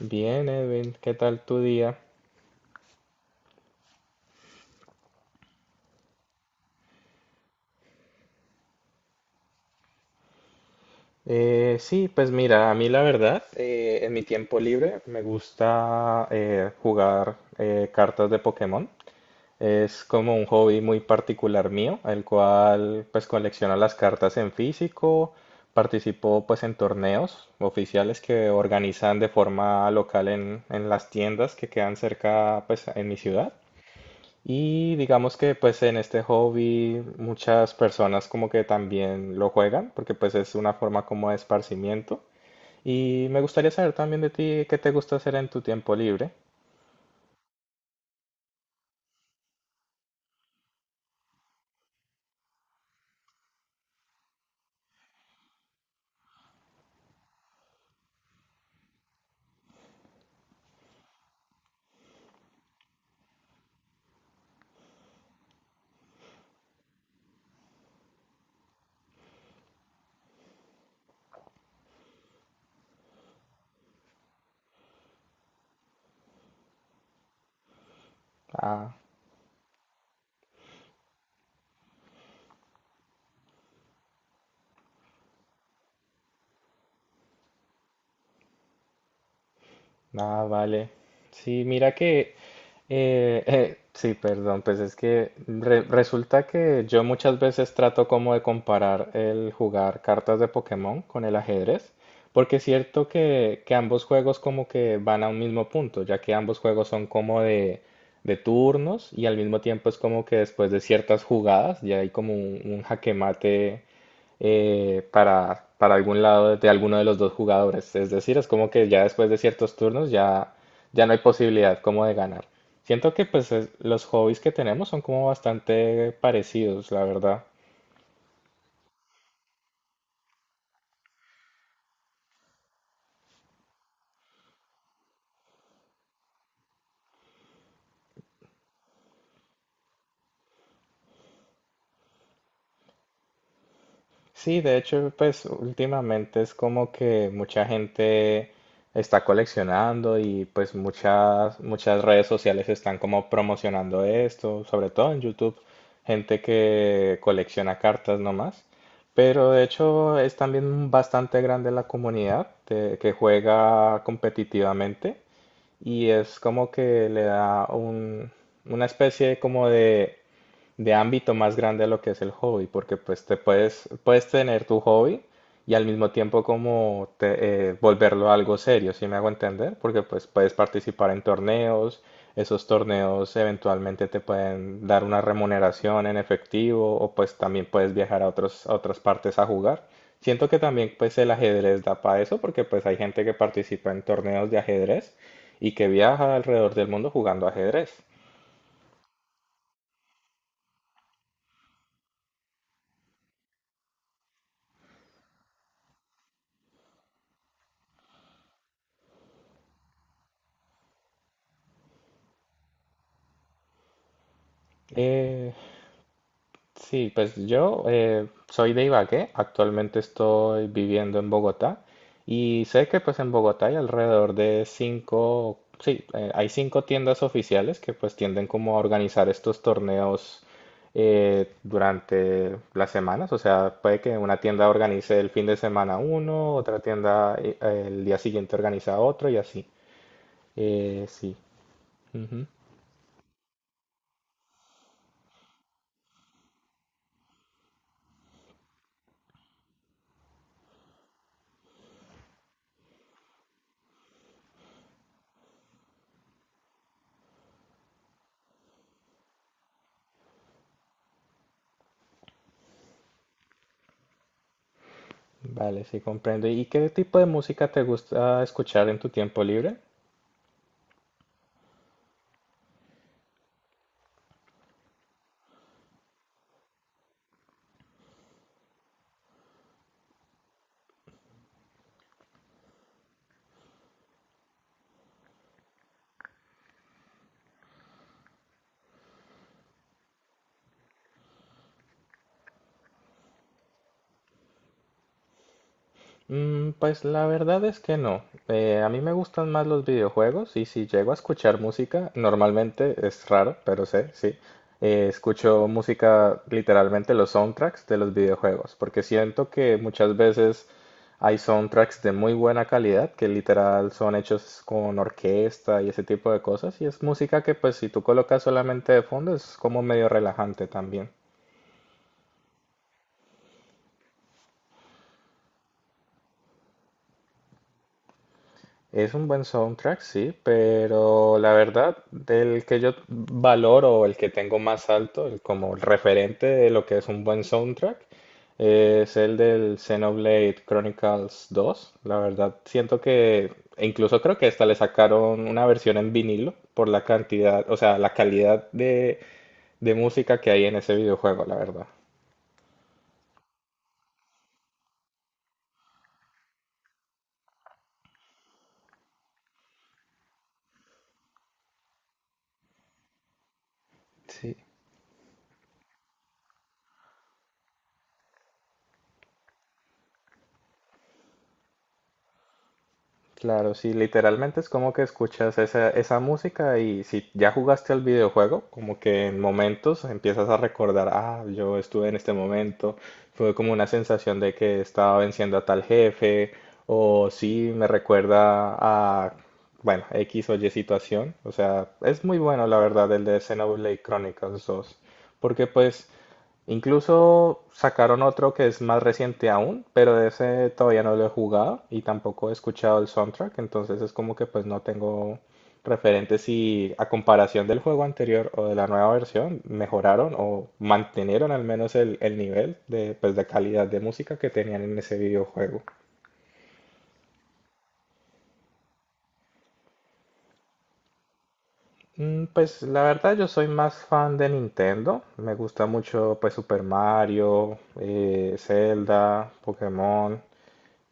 Bien, Edwin, ¿qué tal tu día? Sí, pues mira, a mí la verdad, en mi tiempo libre me gusta jugar cartas de Pokémon. Es como un hobby muy particular mío, el cual pues colecciono las cartas en físico, participo pues en torneos oficiales que organizan de forma local en las tiendas que quedan cerca pues en mi ciudad. Y digamos que pues en este hobby muchas personas como que también lo juegan, porque pues es una forma como de esparcimiento. Y me gustaría saber también de ti qué te gusta hacer en tu tiempo libre. Ah. Ah, vale. Sí, mira que sí, perdón, pues es que resulta que yo muchas veces trato como de comparar el jugar cartas de Pokémon con el ajedrez, porque es cierto que ambos juegos como que van a un mismo punto, ya que ambos juegos son como de turnos y al mismo tiempo es como que después de ciertas jugadas ya hay como un jaque mate para algún lado de alguno de los dos jugadores. Es decir, es como que ya después de ciertos turnos ya no hay posibilidad como de ganar. Siento que pues los hobbies que tenemos son como bastante parecidos, la verdad. Sí, de hecho, pues últimamente es como que mucha gente está coleccionando y pues muchas redes sociales están como promocionando esto, sobre todo en YouTube, gente que colecciona cartas nomás. Pero de hecho es también bastante grande la comunidad que juega competitivamente y es como que le da una especie como de ámbito más grande a lo que es el hobby, porque pues te puedes tener tu hobby y al mismo tiempo como volverlo algo serio, ¿si me hago entender? Porque pues puedes participar en torneos, esos torneos eventualmente te pueden dar una remuneración en efectivo o pues también puedes viajar a otros, a otras partes a jugar. Siento que también pues el ajedrez da para eso porque pues hay gente que participa en torneos de ajedrez y que viaja alrededor del mundo jugando ajedrez. Eh, sí, pues yo soy de Ibagué, actualmente estoy viviendo en Bogotá y sé que pues en Bogotá hay alrededor de cinco, sí, hay cinco tiendas oficiales que pues tienden como a organizar estos torneos durante las semanas, o sea, puede que una tienda organice el fin de semana uno, otra tienda el día siguiente organiza otro y así. Sí. Vale, sí comprendo. ¿Y qué tipo de música te gusta escuchar en tu tiempo libre? Pues la verdad es que no. A mí me gustan más los videojuegos y si llego a escuchar música, normalmente es raro, pero sé, sí. Escucho música literalmente los soundtracks de los videojuegos, porque siento que muchas veces hay soundtracks de muy buena calidad que literal son hechos con orquesta y ese tipo de cosas y es música que pues si tú colocas solamente de fondo es como medio relajante también. Es un buen soundtrack, sí, pero la verdad, del que yo valoro, el que tengo más alto, el como el referente de lo que es un buen soundtrack, es el del Xenoblade Chronicles dos. La verdad, siento que, e incluso creo que esta le sacaron una versión en vinilo por la cantidad, o sea, la calidad de música que hay en ese videojuego, la verdad. Sí. Claro, sí, literalmente es como que escuchas esa música y si ya jugaste al videojuego, como que en momentos empiezas a recordar, ah, yo estuve en este momento, fue como una sensación de que estaba venciendo a tal jefe, o sí, me recuerda a, bueno, X o Y situación. O sea, es muy bueno la verdad el de Xenoblade Chronicles dos, porque pues incluso sacaron otro que es más reciente aún, pero de ese todavía no lo he jugado y tampoco he escuchado el soundtrack, entonces es como que pues no tengo referentes si a comparación del juego anterior o de la nueva versión mejoraron o mantenieron al menos el nivel de, pues, de calidad de música que tenían en ese videojuego. Pues la verdad yo soy más fan de Nintendo, me gusta mucho pues Super Mario, Zelda, Pokémon,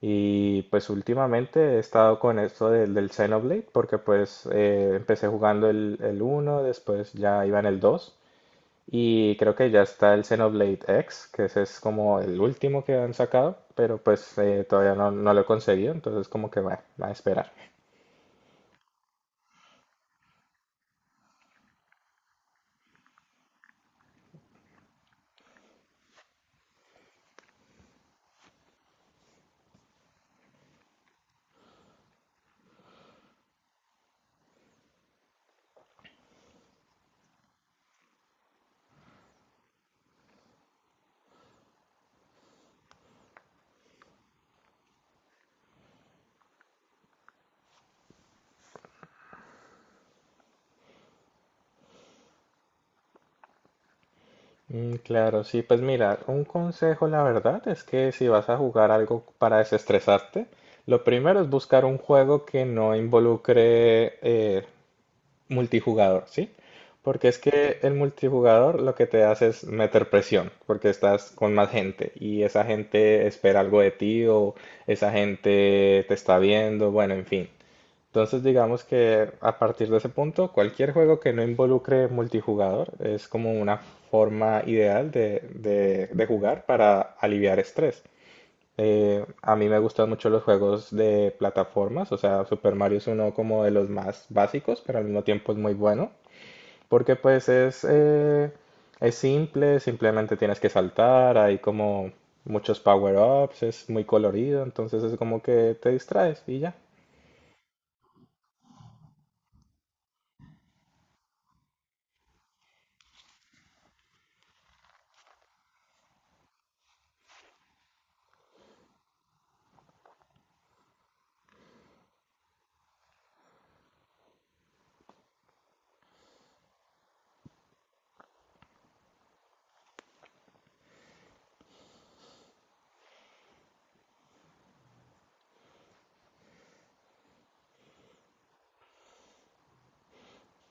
y pues últimamente he estado con esto del Xenoblade porque pues empecé jugando el uno después ya iba en el 2 y creo que ya está el Xenoblade X, que ese es como el último que han sacado, pero pues todavía no, no lo he conseguido, entonces como que bueno, va a esperar. Mm, claro, sí, pues mira, un consejo la verdad es que si vas a jugar algo para desestresarte, lo primero es buscar un juego que no involucre multijugador, ¿sí? Porque es que el multijugador lo que te hace es meter presión, porque estás con más gente y esa gente espera algo de ti o esa gente te está viendo, bueno, en fin. Entonces digamos que a partir de ese punto, cualquier juego que no involucre multijugador es como una forma ideal de, de jugar para aliviar estrés. A mí me gustan mucho los juegos de plataformas, o sea, Super Mario es uno como de los más básicos, pero al mismo tiempo es muy bueno, porque pues es simple, simplemente tienes que saltar, hay como muchos power-ups, es muy colorido, entonces es como que te distraes y ya.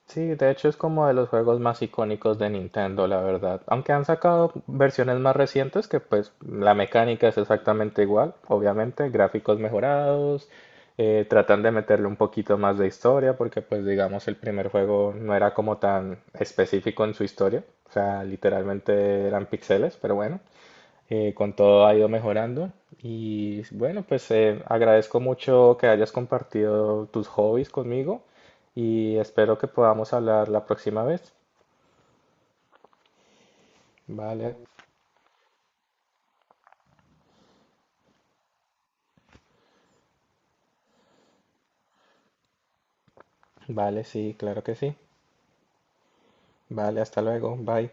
Sí, de hecho es como de los juegos más icónicos de Nintendo, la verdad. Aunque han sacado versiones más recientes que pues la mecánica es exactamente igual, obviamente, gráficos mejorados, tratan de meterle un poquito más de historia porque pues digamos el primer juego no era como tan específico en su historia, o sea, literalmente eran píxeles, pero bueno, con todo ha ido mejorando. Y bueno, pues agradezco mucho que hayas compartido tus hobbies conmigo y espero que podamos hablar la próxima vez. Vale, vale, sí, claro que sí. Vale, hasta luego, bye.